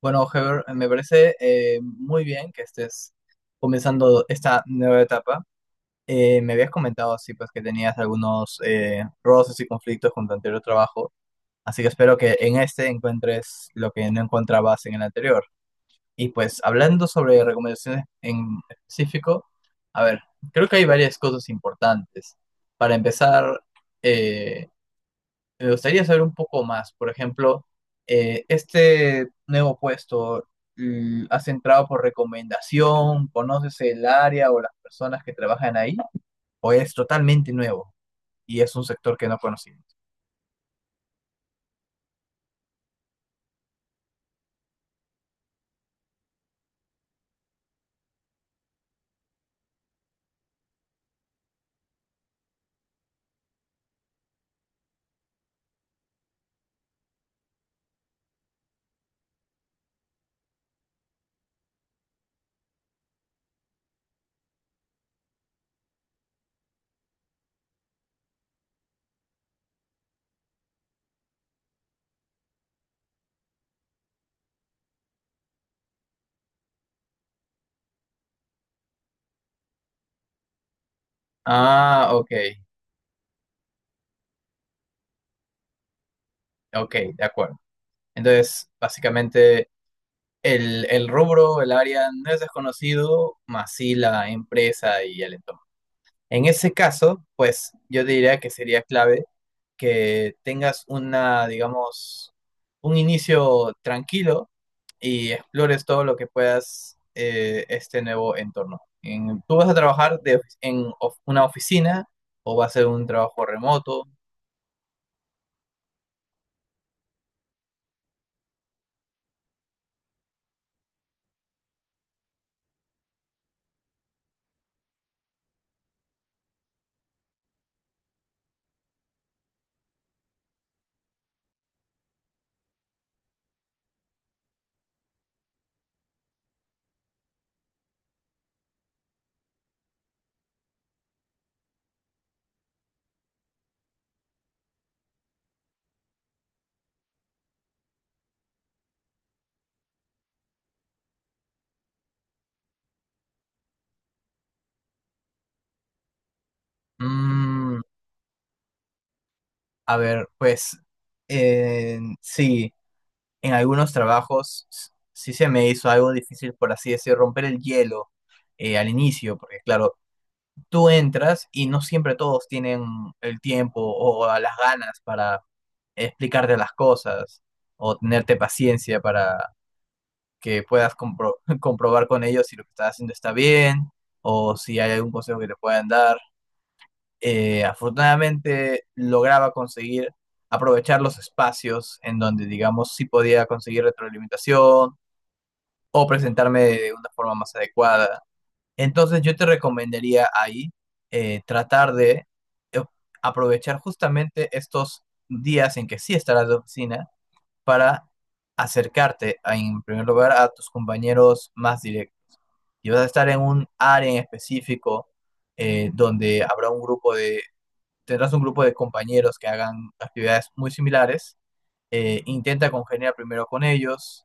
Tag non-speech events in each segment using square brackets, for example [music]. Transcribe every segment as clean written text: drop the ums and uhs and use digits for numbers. Bueno, Heber, me parece muy bien que estés comenzando esta nueva etapa. Me habías comentado así pues que tenías algunos roces y conflictos con tu anterior trabajo, así que espero que en este encuentres lo que no encontrabas en el anterior. Y pues hablando sobre recomendaciones en específico, a ver, creo que hay varias cosas importantes. Para empezar, eh, me gustaría saber un poco más. Por ejemplo, este nuevo puesto, ¿has entrado por recomendación? ¿Conoces el área o las personas que trabajan ahí? ¿O es totalmente nuevo y es un sector que no conocimos? Ah, ok, ok, de acuerdo. Entonces, básicamente, el rubro, el área no es desconocido, más sí la empresa y el entorno. En ese caso, pues yo diría que sería clave que tengas una, digamos, un inicio tranquilo y explores todo lo que puedas este nuevo entorno. ¿Tú vas a trabajar una oficina o va a ser un trabajo remoto? Mm, a ver, pues sí, en algunos trabajos sí se me hizo algo difícil, por así decir, romper el hielo al inicio, porque claro, tú entras y no siempre todos tienen el tiempo o las ganas para explicarte las cosas o tenerte paciencia para que puedas [laughs] comprobar con ellos si lo que estás haciendo está bien o si hay algún consejo que te puedan dar. Afortunadamente lograba conseguir aprovechar los espacios en donde, digamos, sí podía conseguir retroalimentación o presentarme de una forma más adecuada. Entonces yo te recomendaría ahí tratar de eh, aprovechar justamente estos días en que sí estarás de oficina para acercarte, a, en primer lugar, a tus compañeros más directos. Y vas a estar en un área en específico donde habrá tendrás un grupo de compañeros que hagan actividades muy similares. Intenta congeniar primero con ellos,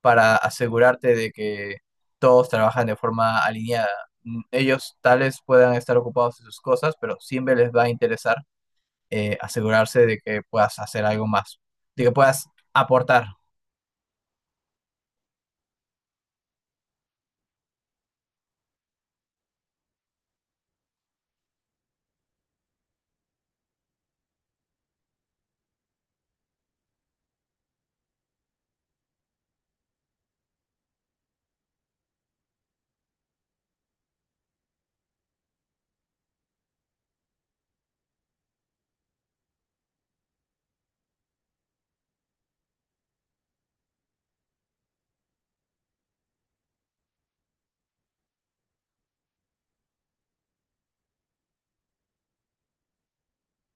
para asegurarte de que todos trabajan de forma alineada. Mm, ellos tales puedan estar ocupados en sus cosas, pero siempre les va a interesar asegurarse de que puedas hacer algo más, de que puedas aportar.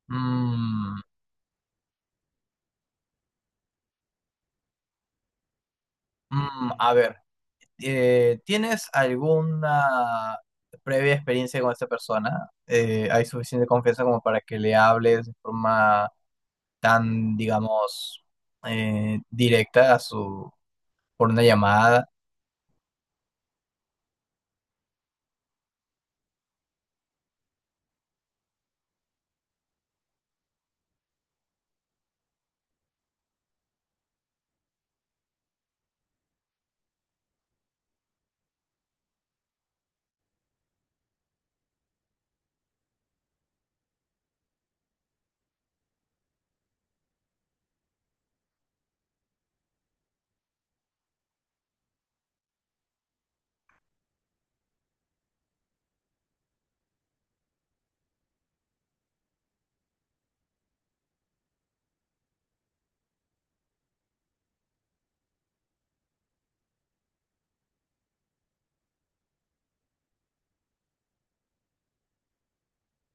Mm, a ver, ¿tienes alguna previa experiencia con esta persona? ¿Hay suficiente confianza como para que le hables de forma tan, digamos, directa a su, por una llamada?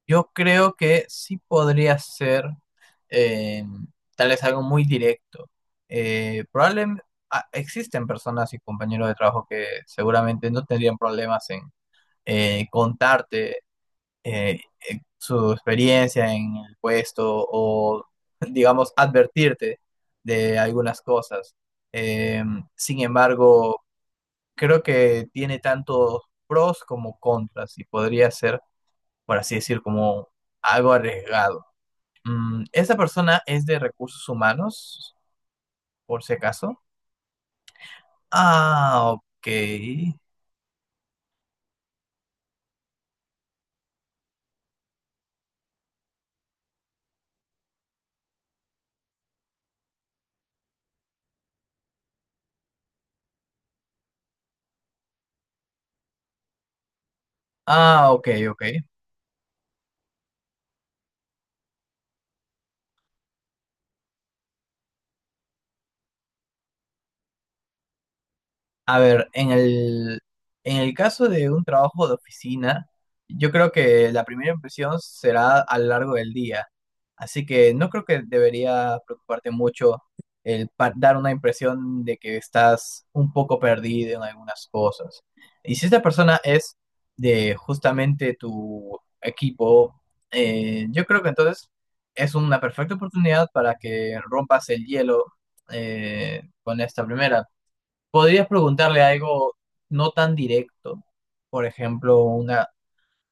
Yo creo que sí podría ser eh, tal vez algo muy directo. Probablemente existen personas y compañeros de trabajo que seguramente no tendrían problemas en contarte eh, su experiencia en el puesto o, digamos, advertirte de algunas cosas. Eh, sin embargo, creo que tiene tantos pros como contras y podría ser por así decir, como algo arriesgado. Mm, ¿esa persona es de recursos humanos, por si acaso? Ah, ok. Ah, ok, ok. A ver, en el caso de un trabajo de oficina, yo creo que la primera impresión será a lo largo del día. Así que no creo que debería preocuparte mucho el dar una impresión de que estás un poco perdido en algunas cosas. Y si esta persona es de justamente tu equipo, yo creo que entonces es una perfecta oportunidad para que rompas el hielo con esta primera. Podrías preguntarle algo no tan directo, por ejemplo, una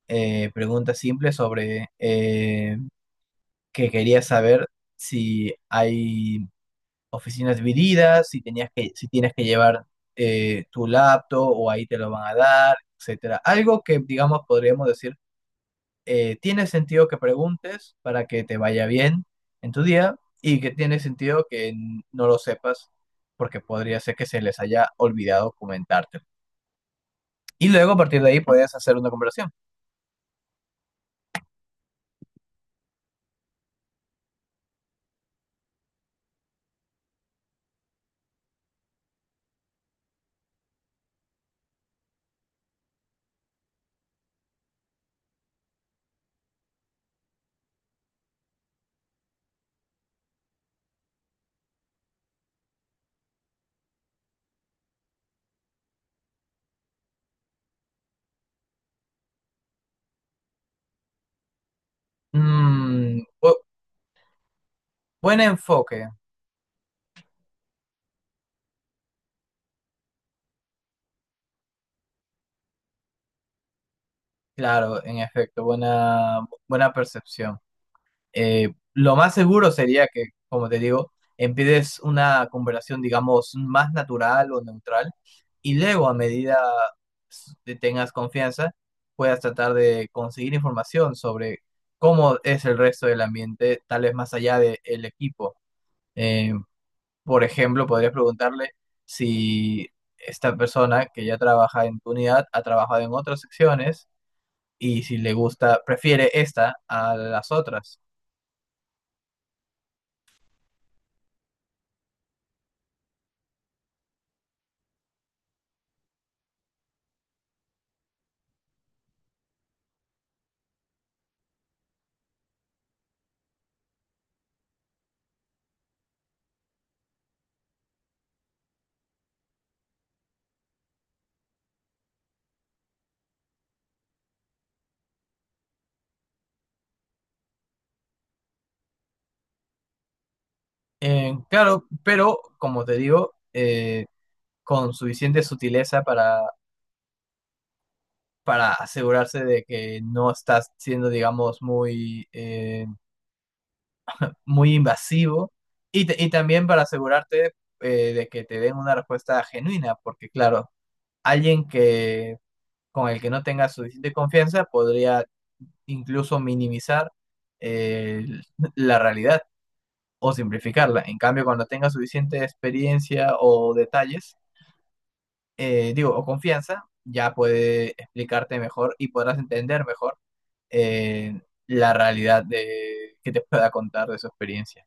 pregunta simple sobre que querías saber si hay oficinas divididas, si tienes que llevar tu laptop o ahí te lo van a dar, etcétera. Algo que, digamos, podríamos decir, tiene sentido que preguntes para que te vaya bien en tu día y que tiene sentido que no lo sepas porque podría ser que se les haya olvidado comentártelo. Y luego a partir de ahí puedes hacer una comparación. Mm, buen enfoque, claro, en efecto, buena, buena percepción. Lo más seguro sería que, como te digo, empieces una comparación, digamos, más natural o neutral, y luego a medida que tengas confianza, puedas tratar de conseguir información sobre cómo es el resto del ambiente, tal vez más allá del equipo. Eh, Por ejemplo, podrías preguntarle si esta persona que ya trabaja en tu unidad ha trabajado en otras secciones y si le gusta, prefiere esta a las otras. Claro, pero como te digo, con suficiente sutileza para asegurarse de que no estás siendo, digamos, muy, muy invasivo y, y también para asegurarte de que te den una respuesta genuina, porque claro, alguien que con el que no tenga suficiente confianza podría incluso minimizar eh, la realidad o simplificarla. En cambio, cuando tenga suficiente experiencia o detalles, digo, o confianza, ya puede explicarte mejor y podrás entender mejor eh, la realidad de, que te pueda contar de su experiencia.